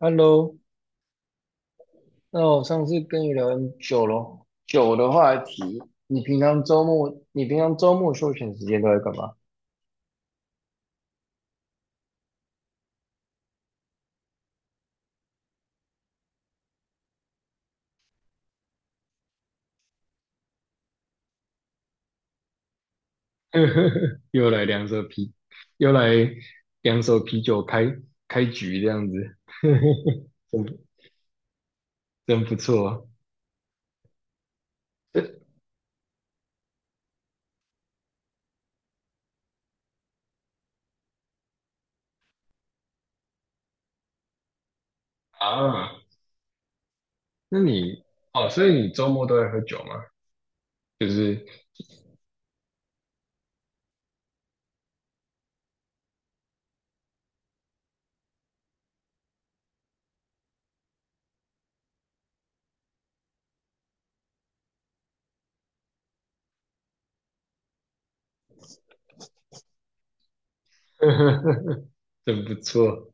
Hello，那我上次跟你聊很久咯，酒的话题，你平常周末休闲时间都在干嘛？又来两手啤，又来两手啤酒开局这样子，真真不错啊！那你哦，所以你周末都在喝酒吗？就是 真不错，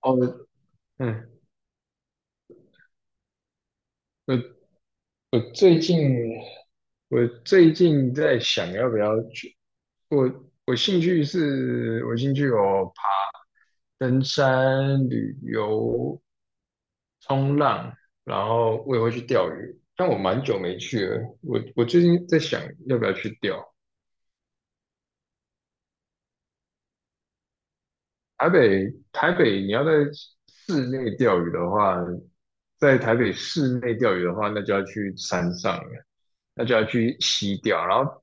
哦，嗯，我我最近我最近在想要不要去，我兴趣登山、旅游、冲浪，然后我也会去钓鱼，但我蛮久没去了。我最近在想要不要去钓，台北，你要在室内钓鱼的话，在台北室内钓鱼的话，那就要去山上了，那就要去溪钓。然后，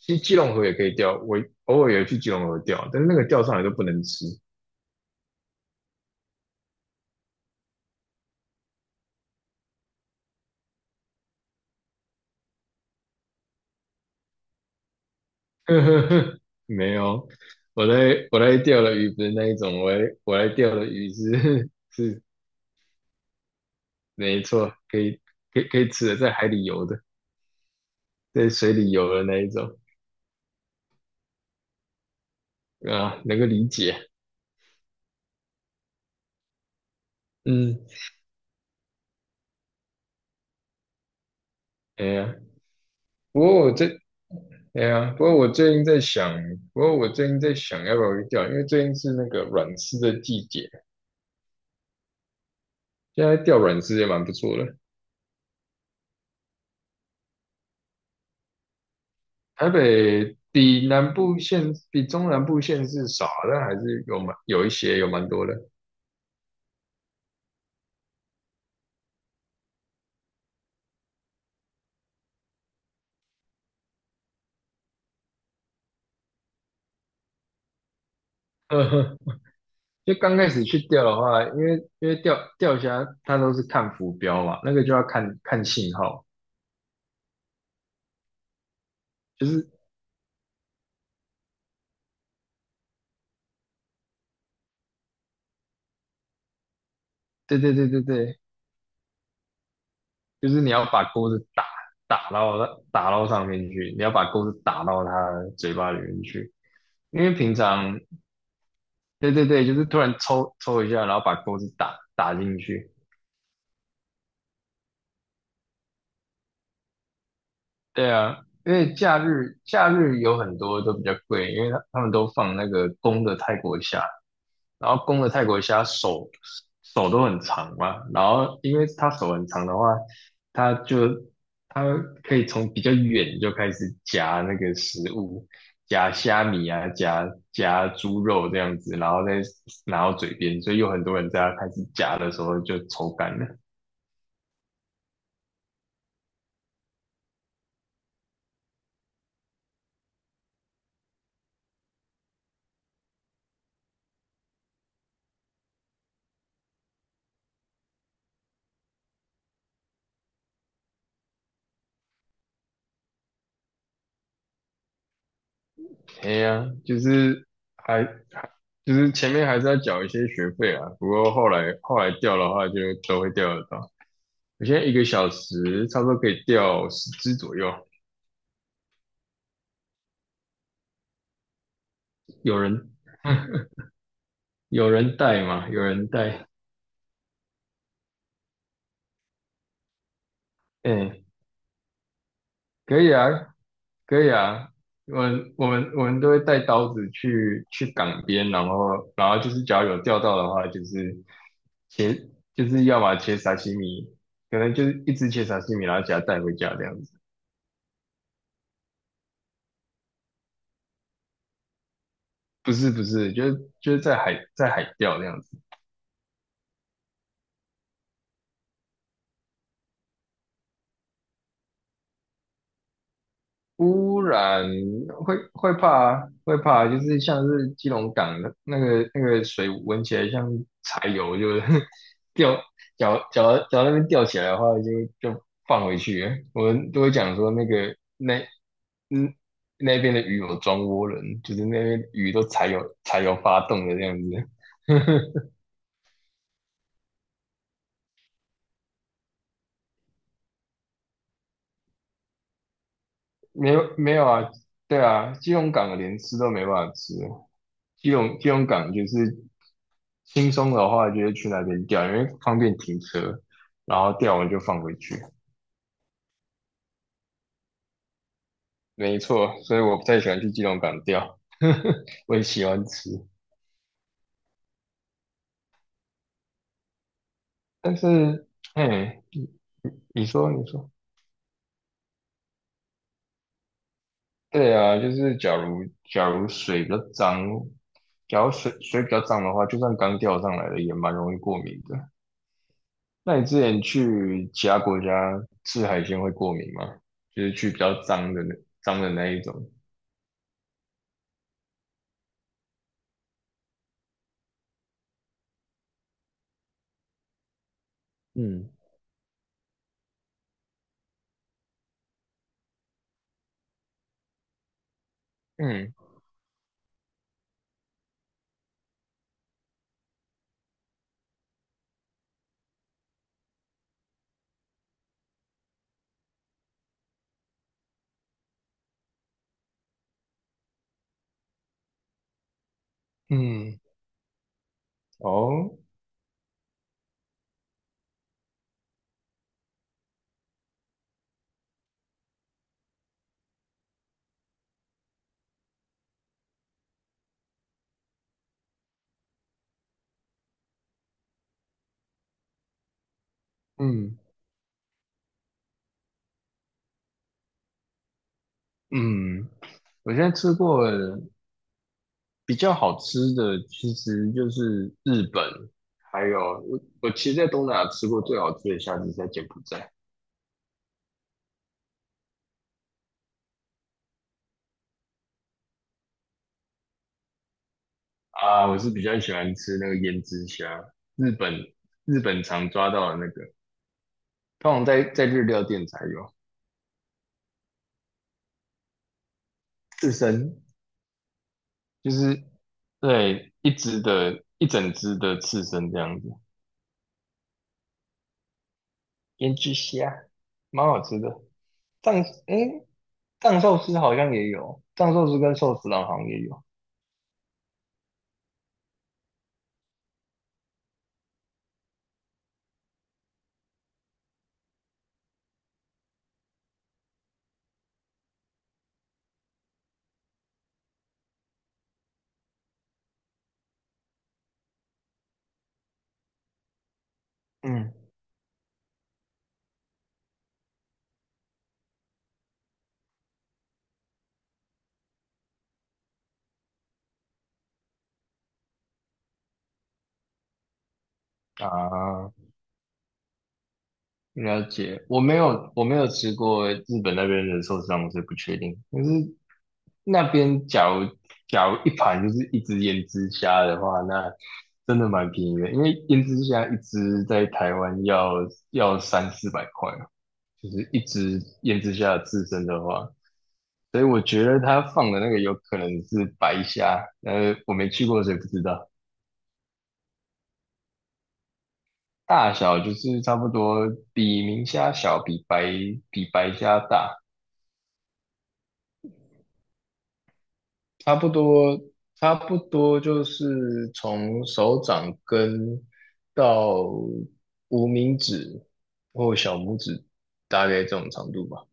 其实基隆河也可以钓，我偶尔也去基隆河钓，但是那个钓上来都不能吃。没有，我钓的鱼不是那一种，我来钓的鱼是 是没错，可以吃的，在海里游的，在水里游的那一种啊，能够理解。嗯，哎呀。不过我最，哎呀，不过我最近在想要不要去钓，因为最近是那个软丝的季节，现在钓软丝也蛮不错的。台北比南部县，比中南部县是少的，但还是有蛮有一些，有蛮多的。呵呵，就刚开始去钓的话，因为钓虾它都是看浮标嘛，那个就要看看信号，就是对，就是你要把钩子打到它打到上面去，你要把钩子打到它的嘴巴里面去。因为平常，对，就是突然抽一下，然后把钩子打进去，对啊，因为假日有很多都比较贵，因为他们都放那个公的泰国虾，然后公的泰国虾手都很长嘛，然后因为他手很长的话，他就他可以从比较远就开始夹那个食物，夹虾米啊，夹猪肉这样子，然后再拿到嘴边，所以有很多人在他开始夹的时候就抽干了。哎呀，就是还就是前面还是要缴一些学费啊，不过后来掉的话就都会掉得到。我现在一个小时差不多可以掉10只左右，有人有人带？哎，可以啊，可以啊。我们都会带刀子去港边，然后就是只要有钓到的话，就是切就是要把切沙西米，可能就是一只切沙西米，然后给它带回家这样子。不是不是，就是在海钓这样子。污染会怕啊，就是像是基隆港的那个水闻起来像柴油，就是 掉脚那边吊起来的话就放回去了，我们都会讲说那个那嗯，那边的鱼有装涡轮，就是那边鱼都柴油发动的这样子。没有没有啊，对啊，基隆港连吃都没办法吃，基隆港就是轻松的话，就是去那边钓，因为方便停车，然后钓完就放回去。没错，所以我不太喜欢去基隆港钓，我也喜欢吃，但是，哎，你说，对啊，假如水比较脏，假如水比较脏的话，就算刚钓上来的也蛮容易过敏的。那你之前去其他国家吃海鲜会过敏吗？就是去比较脏的那一种。嗯，嗯嗯，哦，嗯嗯，我现在吃过比较好吃的，其实就是日本，还有我其实，在东南亚吃过最好吃的虾子是在柬埔寨啊，我是比较喜欢吃那个胭脂虾，日本日本常抓到的那个，通常在日料店才有刺身，就是对，一只的，一整只的刺身这样子，腌制虾，蛮好吃的。藏，诶，藏寿司好像也有，藏寿司跟寿司郎好像也有。嗯，啊，了解。我没有吃过日本那边的寿司郎，我是不确定。可是那边假如一盘就是一只腌制虾的话，那真的蛮便宜的，因为腌制虾一只在台湾要3、400块。就是一直腌制下自身的话，所以我觉得他放的那个有可能是白虾，呃，我没去过，所以不知道。大小就是差不多比明虾小，比白虾大，差不多差不多就是从手掌根到无名指或小拇指，大概这种长度吧。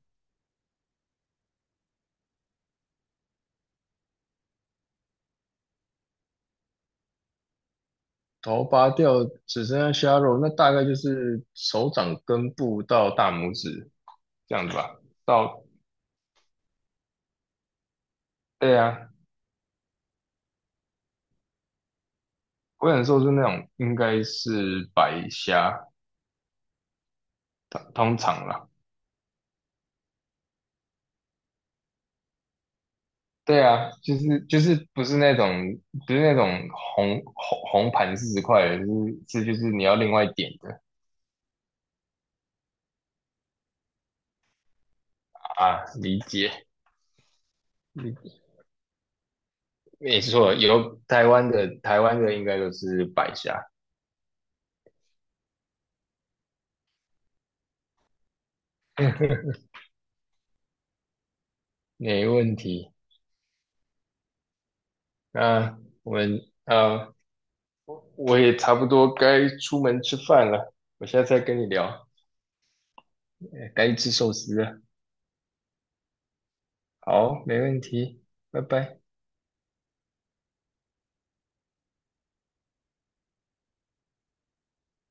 头拔掉只剩下虾肉，那大概就是手掌根部到大拇指这样子吧。到，对啊，我想说是那种应该是白虾，通常啦。对啊，就是不是那种不是那种红盘40块的，就是是就是你要另外点的啊，理解。嗯，没错，有台湾的应该都是白虾，没问题。那我们呃。我也差不多该出门吃饭了，我下次再跟你聊，哎，该吃寿司了。好，没问题，拜拜。